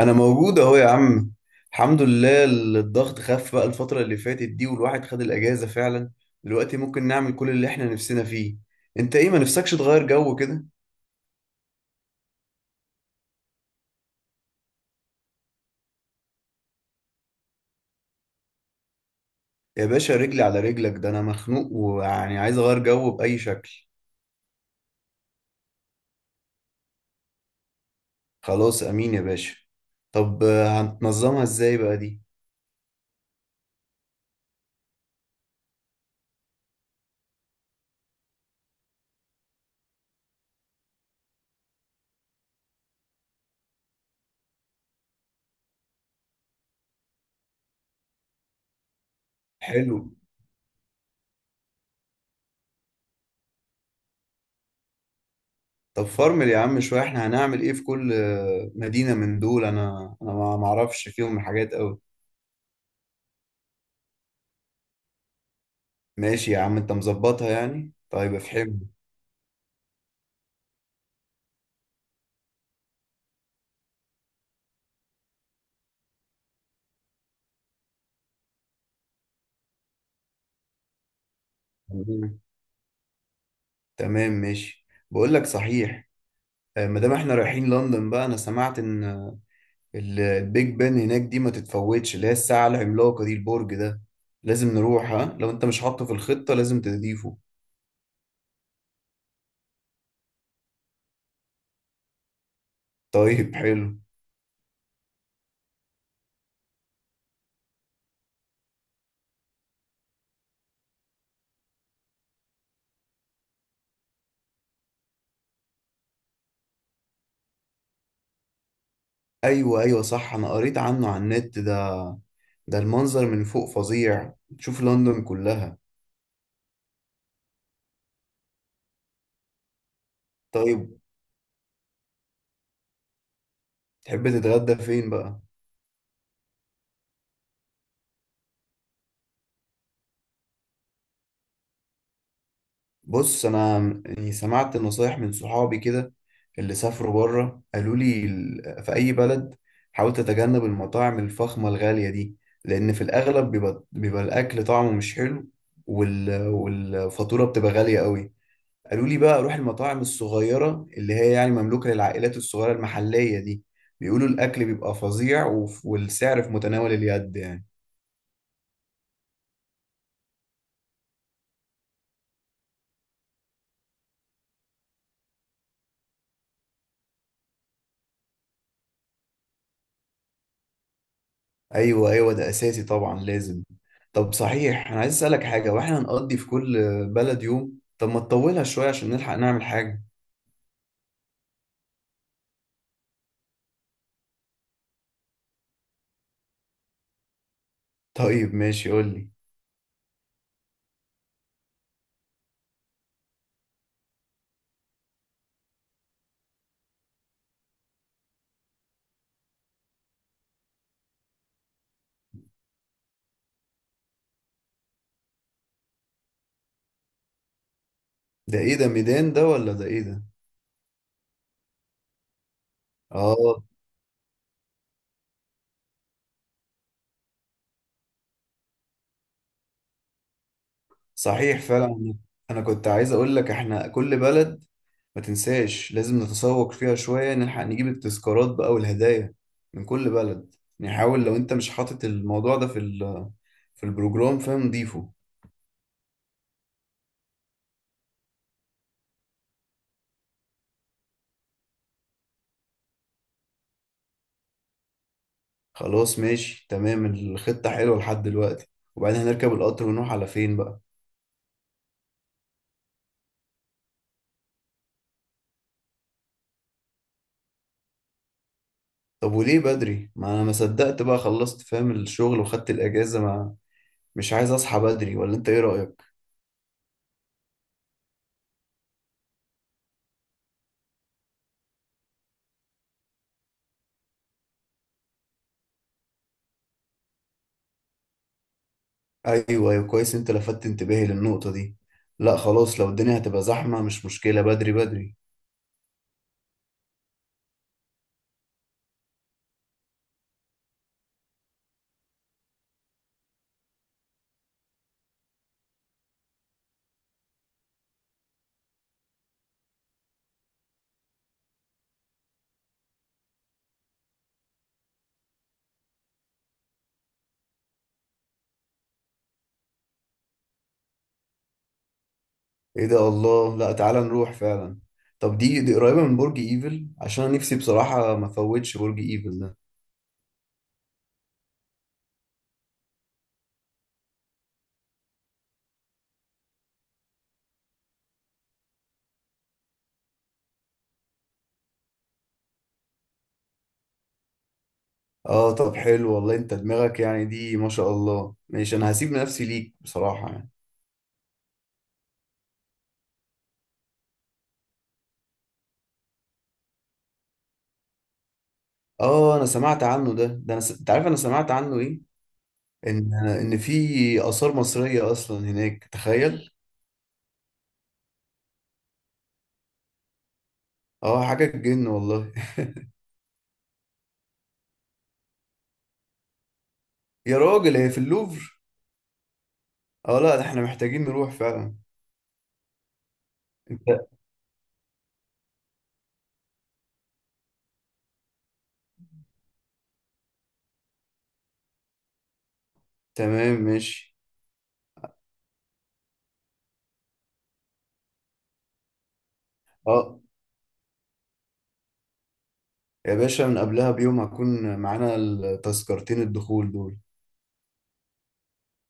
انا موجود اهو يا عم. الحمد لله، الضغط خف بقى الفترة اللي فاتت دي والواحد خد الاجازة فعلا. دلوقتي ممكن نعمل كل اللي احنا نفسنا فيه. انت ايه، ما نفسكش تغير جو كده؟ يا باشا رجلي على رجلك، ده انا مخنوق ويعني عايز اغير جو بأي شكل. خلاص امين يا باشا. طب هنتنظمها ازاي بقى دي؟ حلو. طب فرمل يا عم شوية، احنا هنعمل ايه في كل مدينة من دول؟ انا ما ما اعرفش فيهم حاجات قوي. ماشي يا عم، انت مظبطها يعني، طيب افهمني. تمام ماشي، بقول لك صحيح. ما دام احنا رايحين لندن بقى، انا سمعت ان البيج بان هناك دي ما تتفوتش، اللي هي الساعة العملاقة دي، البرج ده لازم نروح. ها، لو انت مش حاطه في الخطة لازم تضيفه. طيب حلو. ايوه ايوه صح، انا قريت عنه على النت ده. ده المنظر من فوق فظيع، تشوف لندن كلها. طيب، تحب تتغدى فين بقى؟ بص انا يعني سمعت نصايح من صحابي كده، اللي سافروا بره قالوا لي في اي بلد حاول تتجنب المطاعم الفخمه الغاليه دي، لان في الاغلب بيبقى الاكل طعمه مش حلو، والفاتوره بتبقى غاليه قوي. قالوا لي بقى روح المطاعم الصغيره اللي هي يعني مملوكه للعائلات الصغيره المحليه دي، بيقولوا الاكل بيبقى فظيع والسعر في متناول اليد يعني. ايوه ايوه ده اساسي طبعا لازم. طب صحيح، انا عايز اسالك حاجه. واحنا هنقضي في كل بلد يوم، طب ما تطولها شويه عشان نلحق نعمل حاجه. طيب ماشي، قول لي. ده ايه ده، ميدان ده ولا ده ايه ده؟ اه صحيح فعلا. انا كنت عايز اقول لك احنا كل بلد ما تنساش لازم نتسوق فيها شويه، نلحق نجيب التذكارات بقى والهدايا من كل بلد. نحاول لو انت مش حاطط الموضوع ده في البروجرام فاهم نضيفه. خلاص ماشي تمام، الخطة حلوة لحد دلوقتي. وبعدين هنركب القطر ونروح على فين بقى؟ طب وليه بدري؟ ما انا ما صدقت بقى خلصت فاهم الشغل وخدت الاجازة، ما مش عايز اصحى بدري، ولا انت ايه رأيك؟ ايوه ايوه كويس، انت لفتت انتباهي للنقطة دي. لا خلاص، لو الدنيا هتبقى زحمة مش مشكلة، بدري بدري. ايه ده، الله، لا تعالى نروح فعلا. طب دي قريبة من برج ايفل؟ عشان أنا نفسي بصراحة ما فوتش برج ايفل ده. اه طب حلو والله، انت دماغك يعني دي ما شاء الله. ماشي، انا هسيب نفسي ليك بصراحة يعني. اه انا سمعت عنه ده. ده انا انت عارف انا سمعت عنه ايه؟ ان في آثار مصرية اصلا هناك، تخيل. اه حاجة تجن والله. يا راجل، هي في اللوفر؟ اه لا ده احنا محتاجين نروح فعلا. انت تمام ماشي. اه يا باشا، من قبلها بيوم هكون معانا التذكرتين الدخول دول.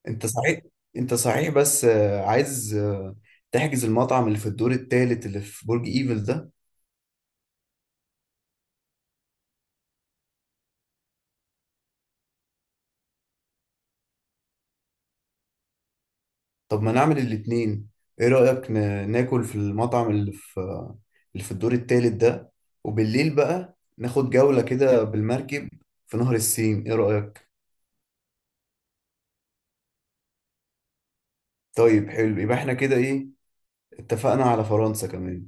انت صحيح. انت صحيح بس عايز تحجز المطعم اللي في الدور التالت اللي في برج ايفل ده. طب ما نعمل الاتنين، ايه رأيك؟ ناكل في المطعم اللي في اللي في الدور التالت ده، وبالليل بقى ناخد جولة كده بالمركب في نهر السين، ايه رأيك؟ طيب حلو، يبقى احنا كده ايه، اتفقنا على فرنسا كمان.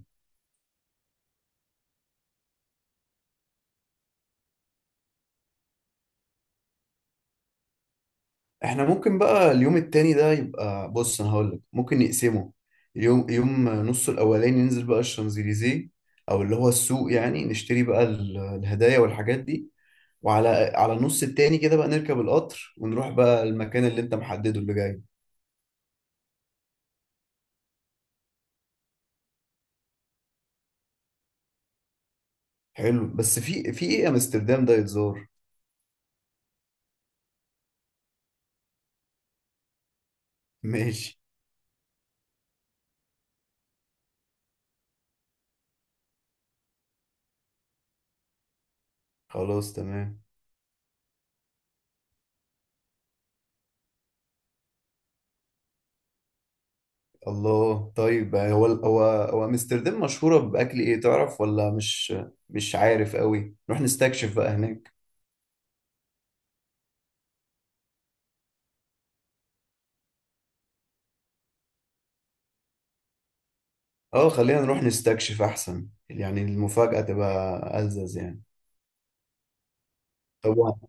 احنا ممكن بقى اليوم التاني ده يبقى، بص انا هقولك ممكن نقسمه يوم. يوم نصه الاولاني ننزل بقى الشانزليزيه، او اللي هو السوق يعني، نشتري بقى الهدايا والحاجات دي، وعلى النص التاني كده بقى نركب القطر ونروح بقى المكان اللي انت محدده اللي جاي. حلو، بس في في ايه امستردام ده يتزار؟ ماشي. خلاص تمام. الله، طيب، هو هو امستردام مشهورة بأكل ايه، تعرف ولا مش عارف قوي؟ نروح نستكشف بقى هناك. اه خلينا نروح نستكشف احسن، يعني المفاجأة تبقى ألذذ يعني. طبعا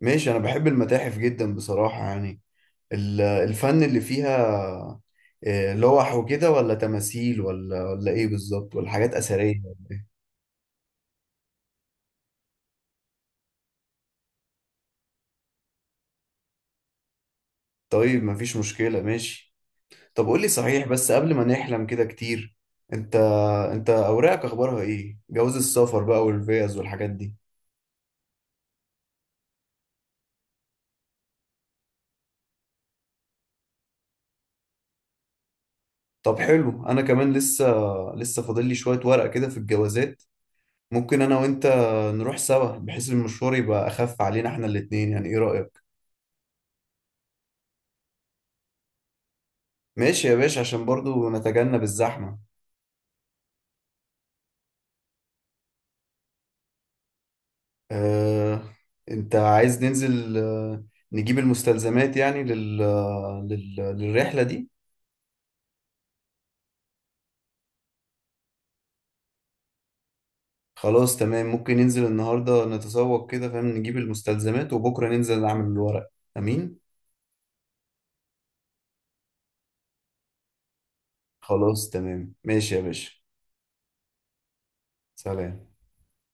ماشي، انا بحب المتاحف جدا بصراحة يعني. الفن اللي فيها، لوح وكده، ولا تماثيل، ولا ايه بالظبط، ولا حاجات أثرية ولا إيه؟ طيب مفيش مشكلة ماشي. طب قول لي صحيح، بس قبل ما نحلم كده كتير. انت انت اوراقك اخبارها ايه؟ جواز السفر بقى والفيز والحاجات دي. طب حلو، انا كمان لسه فاضل لي شوية ورق كده في الجوازات. ممكن انا وانت نروح سوا بحيث المشوار يبقى اخف علينا احنا الاتنين يعني، ايه رأيك؟ ماشي يا باشا، عشان برضو نتجنب الزحمة. اه انت عايز ننزل نجيب المستلزمات يعني للرحلة دي؟ خلاص تمام، ممكن ننزل النهاردة نتسوق كده فاهم، نجيب المستلزمات وبكرة ننزل نعمل الورق. امين. خلاص تمام ماشي يا باشا. سلام.